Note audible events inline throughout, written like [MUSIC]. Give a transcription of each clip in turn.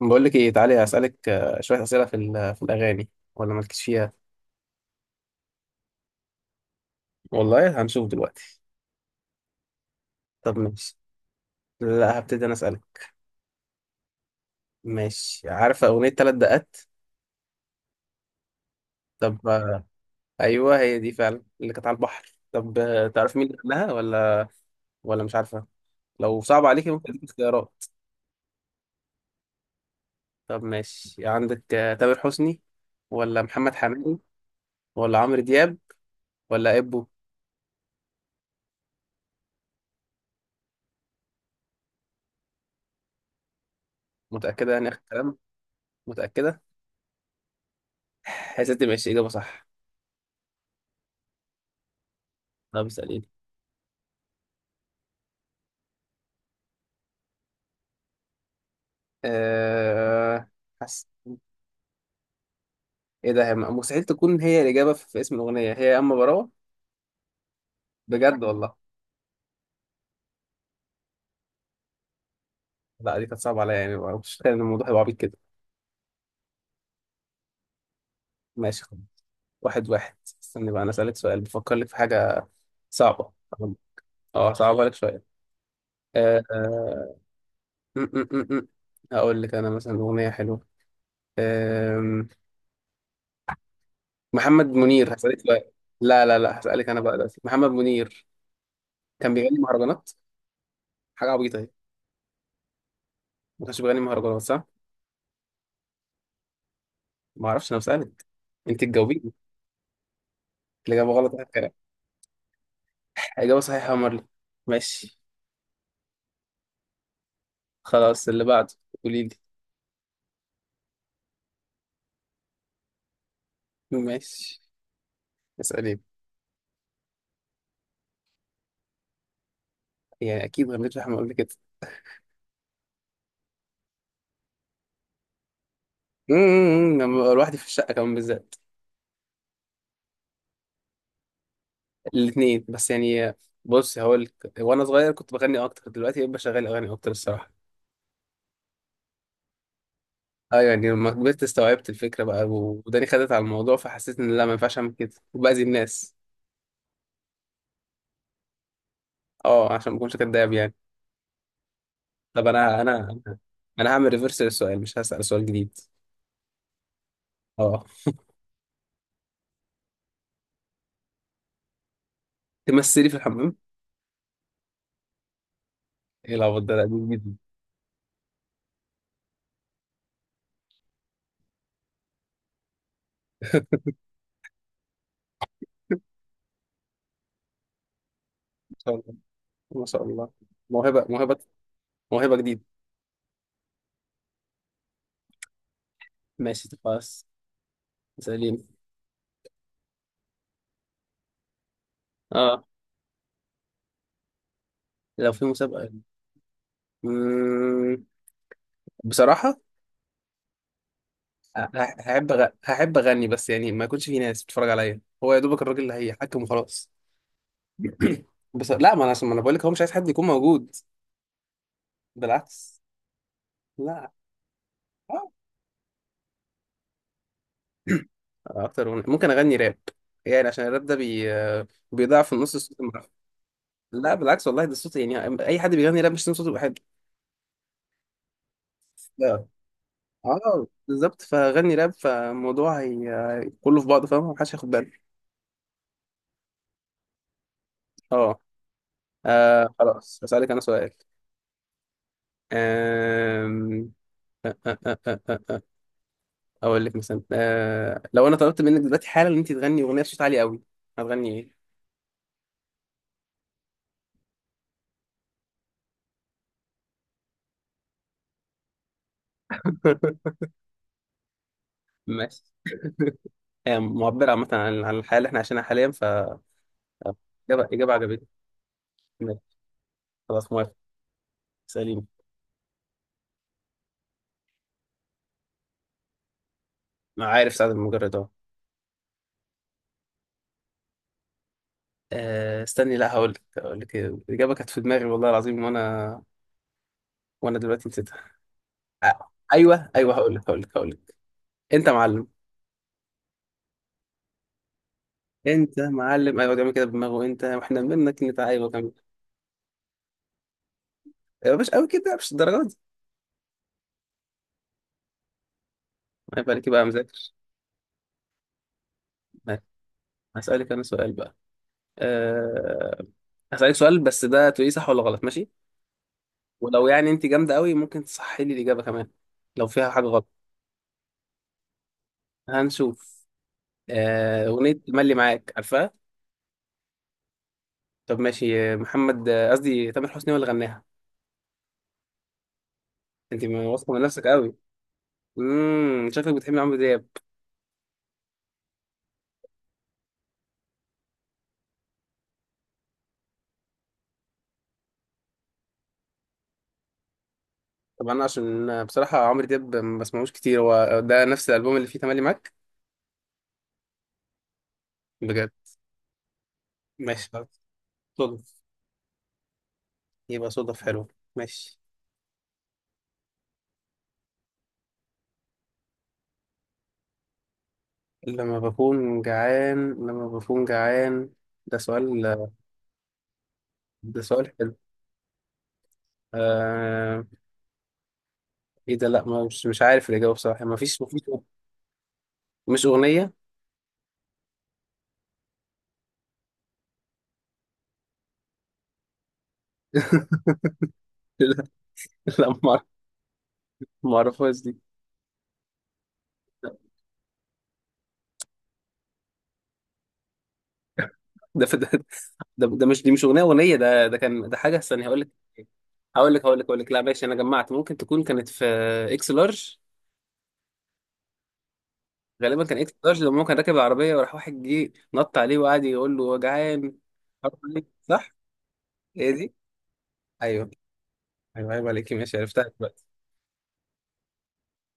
بقول لك ايه، تعالي اسالك شويه اسئله في الاغاني. ولا مالكش فيها. والله هنشوف دلوقتي. طب ماشي. لا، هبتدي انا اسالك. ماشي، عارفه اغنيه ثلاث دقات؟ طب. ايوه، هي دي فعلا اللي كانت على البحر. طب تعرف مين اللي غناها ولا؟ ولا مش عارفه؟ لو صعب عليك ممكن اديك اختيارات. طب ماشي، عندك تامر حسني، ولا محمد حميد، ولا عمرو دياب، ولا ابو؟ متاكده يعني، اخر كلام؟ متاكده؟ يا ستي ماشي، اجابه صح. طب اساليني. أه... ايه ده، هي مستحيل تكون هي الاجابه في اسم الاغنيه هي يا اما براوه؟ بجد والله؟ لا، دي كانت صعبه عليا، يعني ما كنتش متخيل ان الموضوع هيبقى عبيط كده. ماشي خلاص. واحد واحد. استني بقى، انا اسالك سؤال بفكر لك في حاجه صعبه. اه، صعبه لك شويه. آه، آه، م- م- م- م. هقول لك انا مثلا اغنيه حلوه. آم، محمد منير، هسالك سؤال. لا، لا، لا، هسالك انا بقى دلوقتي محمد منير، كان بيغني مهرجانات؟ حاجه عبيطه اهي. ما كانش بيغني مهرجانات، صح؟ ما اعرفش، انا بسالك. انت تجاوبيني. الاجابه غلط. إجابة صحيحة يا مرلي. ماشي خلاص، اللي بعده. قولي لي. ماشي. اسألي. يعني أكيد غنيت لحمة قبل كده. لما ببقى لوحدي في الشقة كمان بالذات. الاتنين بس يعني. بص، هقول لك، وأنا صغير كنت بغني أكتر. دلوقتي بشغل أغاني أكتر الصراحة. أه، يعني لما كبرت استوعبت الفكرة بقى، وداني خدت على الموضوع، فحسيت إن لا ما ينفعش أعمل كده وبأذي الناس. أه، عشان ما أكونش كداب يعني. طب، أنا هعمل ريفرس للسؤال، مش هسأل سؤال جديد. أه. تمثلي في الحمام؟ إيه العبط ده؟ لا، دي جديد. شاء الله. ما شاء الله. موهبة، موهبة. موهبة جديدة. ماشي خلاص. سليم. اه، لو في مسابقة. مم... بصراحة. ه- هحب أغني، بس يعني ما يكونش في ناس بتتفرج عليا، هو يا دوبك الراجل اللي هيحكم وخلاص. [CLEARS THROAT] بس لا، ما انا عشان ما انا بقول لك، هو مش عايز حد يكون موجود. بالعكس. لا. اكتر أغنية. ممكن اغني راب. يعني عشان الراب ده بيضيع في النص الصوت المعفن. لا بالعكس، والله ده الصوت، يعني اي حد بيغني راب مش صوته بيبقى حلو. لا. اه، بالظبط، فغني راب، فالموضوع هي كله في بعضه، فاهم محدش هياخد باله. اه. خلاص هسألك انا سؤال. آم، آه، آه، آه، آه، آه، آه، اقول لك مثلا لو انا طلبت منك دلوقتي حالا ان انت تغني اغنيه بصوت عالي قوي، هتغني ايه؟ [LAUGHS] ماشي. معبره عامه عن الحياه اللي احنا عايشينها حاليا ف آه، اجابه عجبتني. ماشي، خلاص موافق. سليم. عارف سعد المجرد اهو. استني، لا هقول لك إيه. الاجابه كانت في دماغي والله العظيم، وانا دلوقتي نسيتها. ايوه، ايوه، هقول لك. انت معلم. انت معلم، ايوه بيعمل كده بدماغه، انت واحنا منك نتع، ايوه كمل. ايوه، مش قوي كده، مش الدرجه دي. ما بالك بقى مذاكر. ماشي. هسألك انا سؤال بقى. أه... هسألك سؤال، بس ده تقولي صح ولا غلط، ماشي؟ ولو يعني انت جامده قوي ممكن تصحي لي الاجابه كمان، لو فيها حاجه غلط. هنشوف. اغنيه ملي معاك، عارفها؟ طب ماشي، آه، محمد آه، قصدي تامر حسني هو اللي غناها؟ انت واثقه من نفسك قوي. شكلك بتحب عمرو دياب. طب انا عشان بصراحه، عمرو دياب ما بسمعوش كتير، هو ده نفس الالبوم اللي فيه تملي معاك؟ بجد؟ ماشي خلاص. صدف. يبقى صدف حلو. ماشي. لما بكون جعان، لما بكون جعان، ده سؤال. ده سؤال حلو. آه... ايه ده، لا مش عارف الاجابه بصراحه، ما فيش. مش اغنيه؟ [LAUGHS] لا، لا، ما اعرفهاش دي. ده ده ده مش دي، مش اغنيه ده كان ده حاجه، استنى هقول لك هقول لك. لا ماشي، انا جمعت ممكن تكون كانت في اكس لارج. غالبا كان اكس لارج، لما هو كان راكب العربيه، وراح واحد جه نط عليه وقعد يقول له جعان. عارف ليه؟ صح؟ هي دي؟ ايوه. ايوه، عيب عليكي، ماشي عرفتها دلوقتي.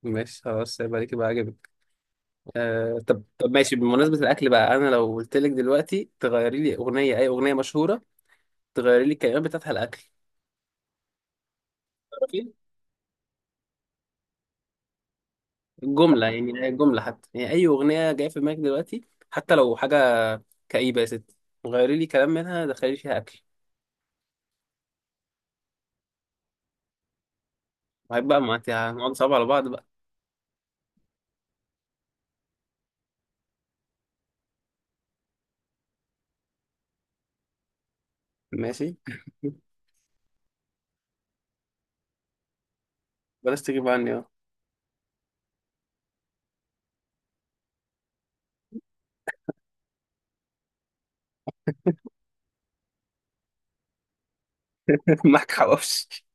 ماشي خلاص، عيب عليكي بقى عجبك. آه، طب ماشي، بمناسبه الاكل بقى، انا لو قلت لك دلوقتي تغيري لي اغنيه، اي اغنيه مشهوره، تغيري لي الكلمات بتاعتها الاكل، تعرفي؟ الجمله، يعني الجمله حتى، يعني اي اغنيه جايه في دماغك دلوقتي، حتى لو حاجه كئيبه، يا ستي، غيري لي كلام منها، دخلي لي فيها اكل. وهيبقى، ما انت هنقعد صعب على بعض بقى. ماشي. بلاش تجيب عني، اه. [LAUGHS] معاك حواوشي.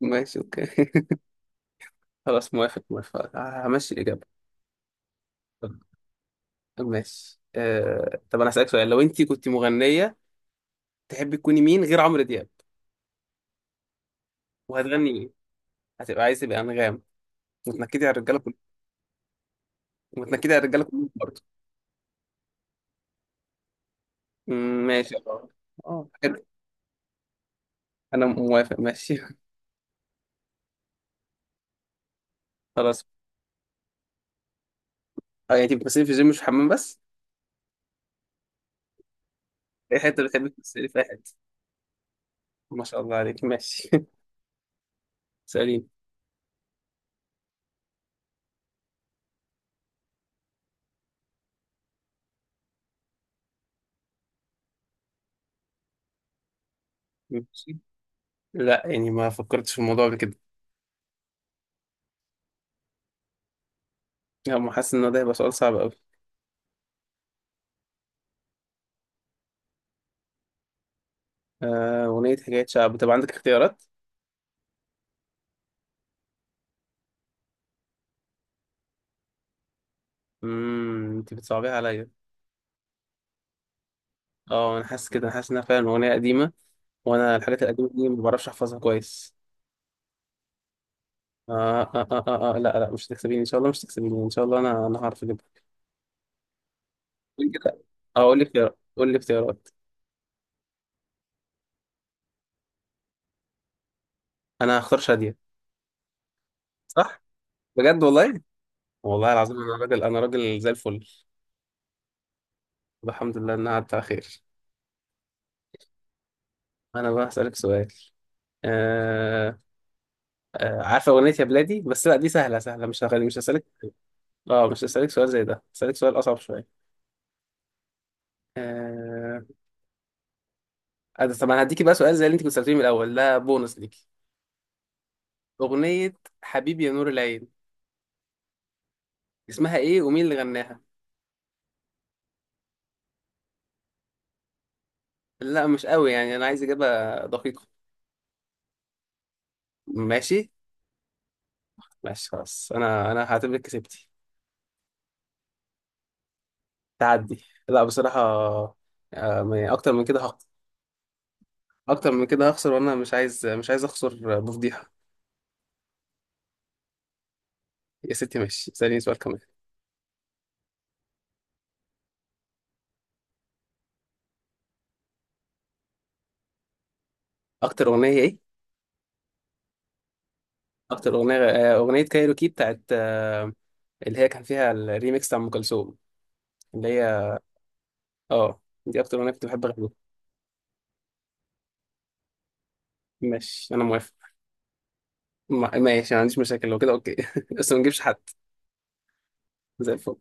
ماشي اوكي. [LAUGHS] خلاص موافق، موافق، همشي الإجابة. ماشي. طب أنا هسألك سؤال، لو أنت كنت مغنية تحبي تكوني مين غير عمرو دياب، وهتغني مين؟ هتبقى عايزة تبقى أنغام؟ وتنكدي على الرجالة كلهم؟ وتنكدي على الرجالة كلهم برضه. ماشي، اه. حلو. أنا موافق ماشي. [LAUGHS] خلاص. اه، يعني تبقى بتمثلي في الجيم مش في الحمام بس؟ أي حتة، بتحبي تمثلي في أي حتة؟ ما شاء الله عليك، ماشي. [LAUGHS] سألين. ماشي. لا يعني، ما فكرتش في الموضوع قبل كده. لا، ما حاسس ان ده هيبقى سؤال صعب قوي. اغنيه حكايه شعب، طب عندك اختيارات. انت بتصعبيها عليا. اه، انا حاسس كده، انا حاسس انها فعلا اغنيه قديمه. وانا الحاجات القديمه دي ما بعرفش احفظها كويس. لا، لا، مش هتكسبيني ان شاء الله، مش هتكسبيني ان شاء الله، انا هعرف اجيبها. قول لي كده. اه، قول لي اختيارات، قول لي اختيارات. انا هختار شاديه. صح؟ بجد والله؟ والله العظيم، انا راجل، انا راجل زي الفل. الحمد لله انها عدت على خير. انا بقى هسألك سؤال. آه عارفه اغنيه يا بلادي، بس لا، دي سهله سهله، مش هغني، مش هسألك. اه، مش هسألك سؤال زي ده، هسألك سؤال أصعب شوية. آه... طب أنا هديكي بقى سؤال زي اللي أنت كنت سألتيني من الأول، ده بونص ليكي. أغنية حبيبي يا نور العين، اسمها إيه ومين اللي غناها؟ لا مش قوي يعني، أنا عايز إجابة دقيقة. ماشي. ماشي خلاص، أنا هعتبرك كسبتي. تعدي، لا بصراحة، أكتر من كده هخسر. أكتر من كده هخسر، وأنا مش عايز أخسر بفضيحة. يا ستي ماشي، اسأليني سؤال كمان. أكتر أغنية إيه؟ أكتر أغنية أغنية كايروكي بتاعت اللي هي كان فيها الريميكس بتاع ام كلثوم، اللي هي. اه، دي اكتر اغنيه كنت بحب اغنيها. ماشي انا موافق. ماشي، ما عنديش مشاكل لو كده، اوكي. [LAUGHS] بس ما نجيبش حد. زي الفل.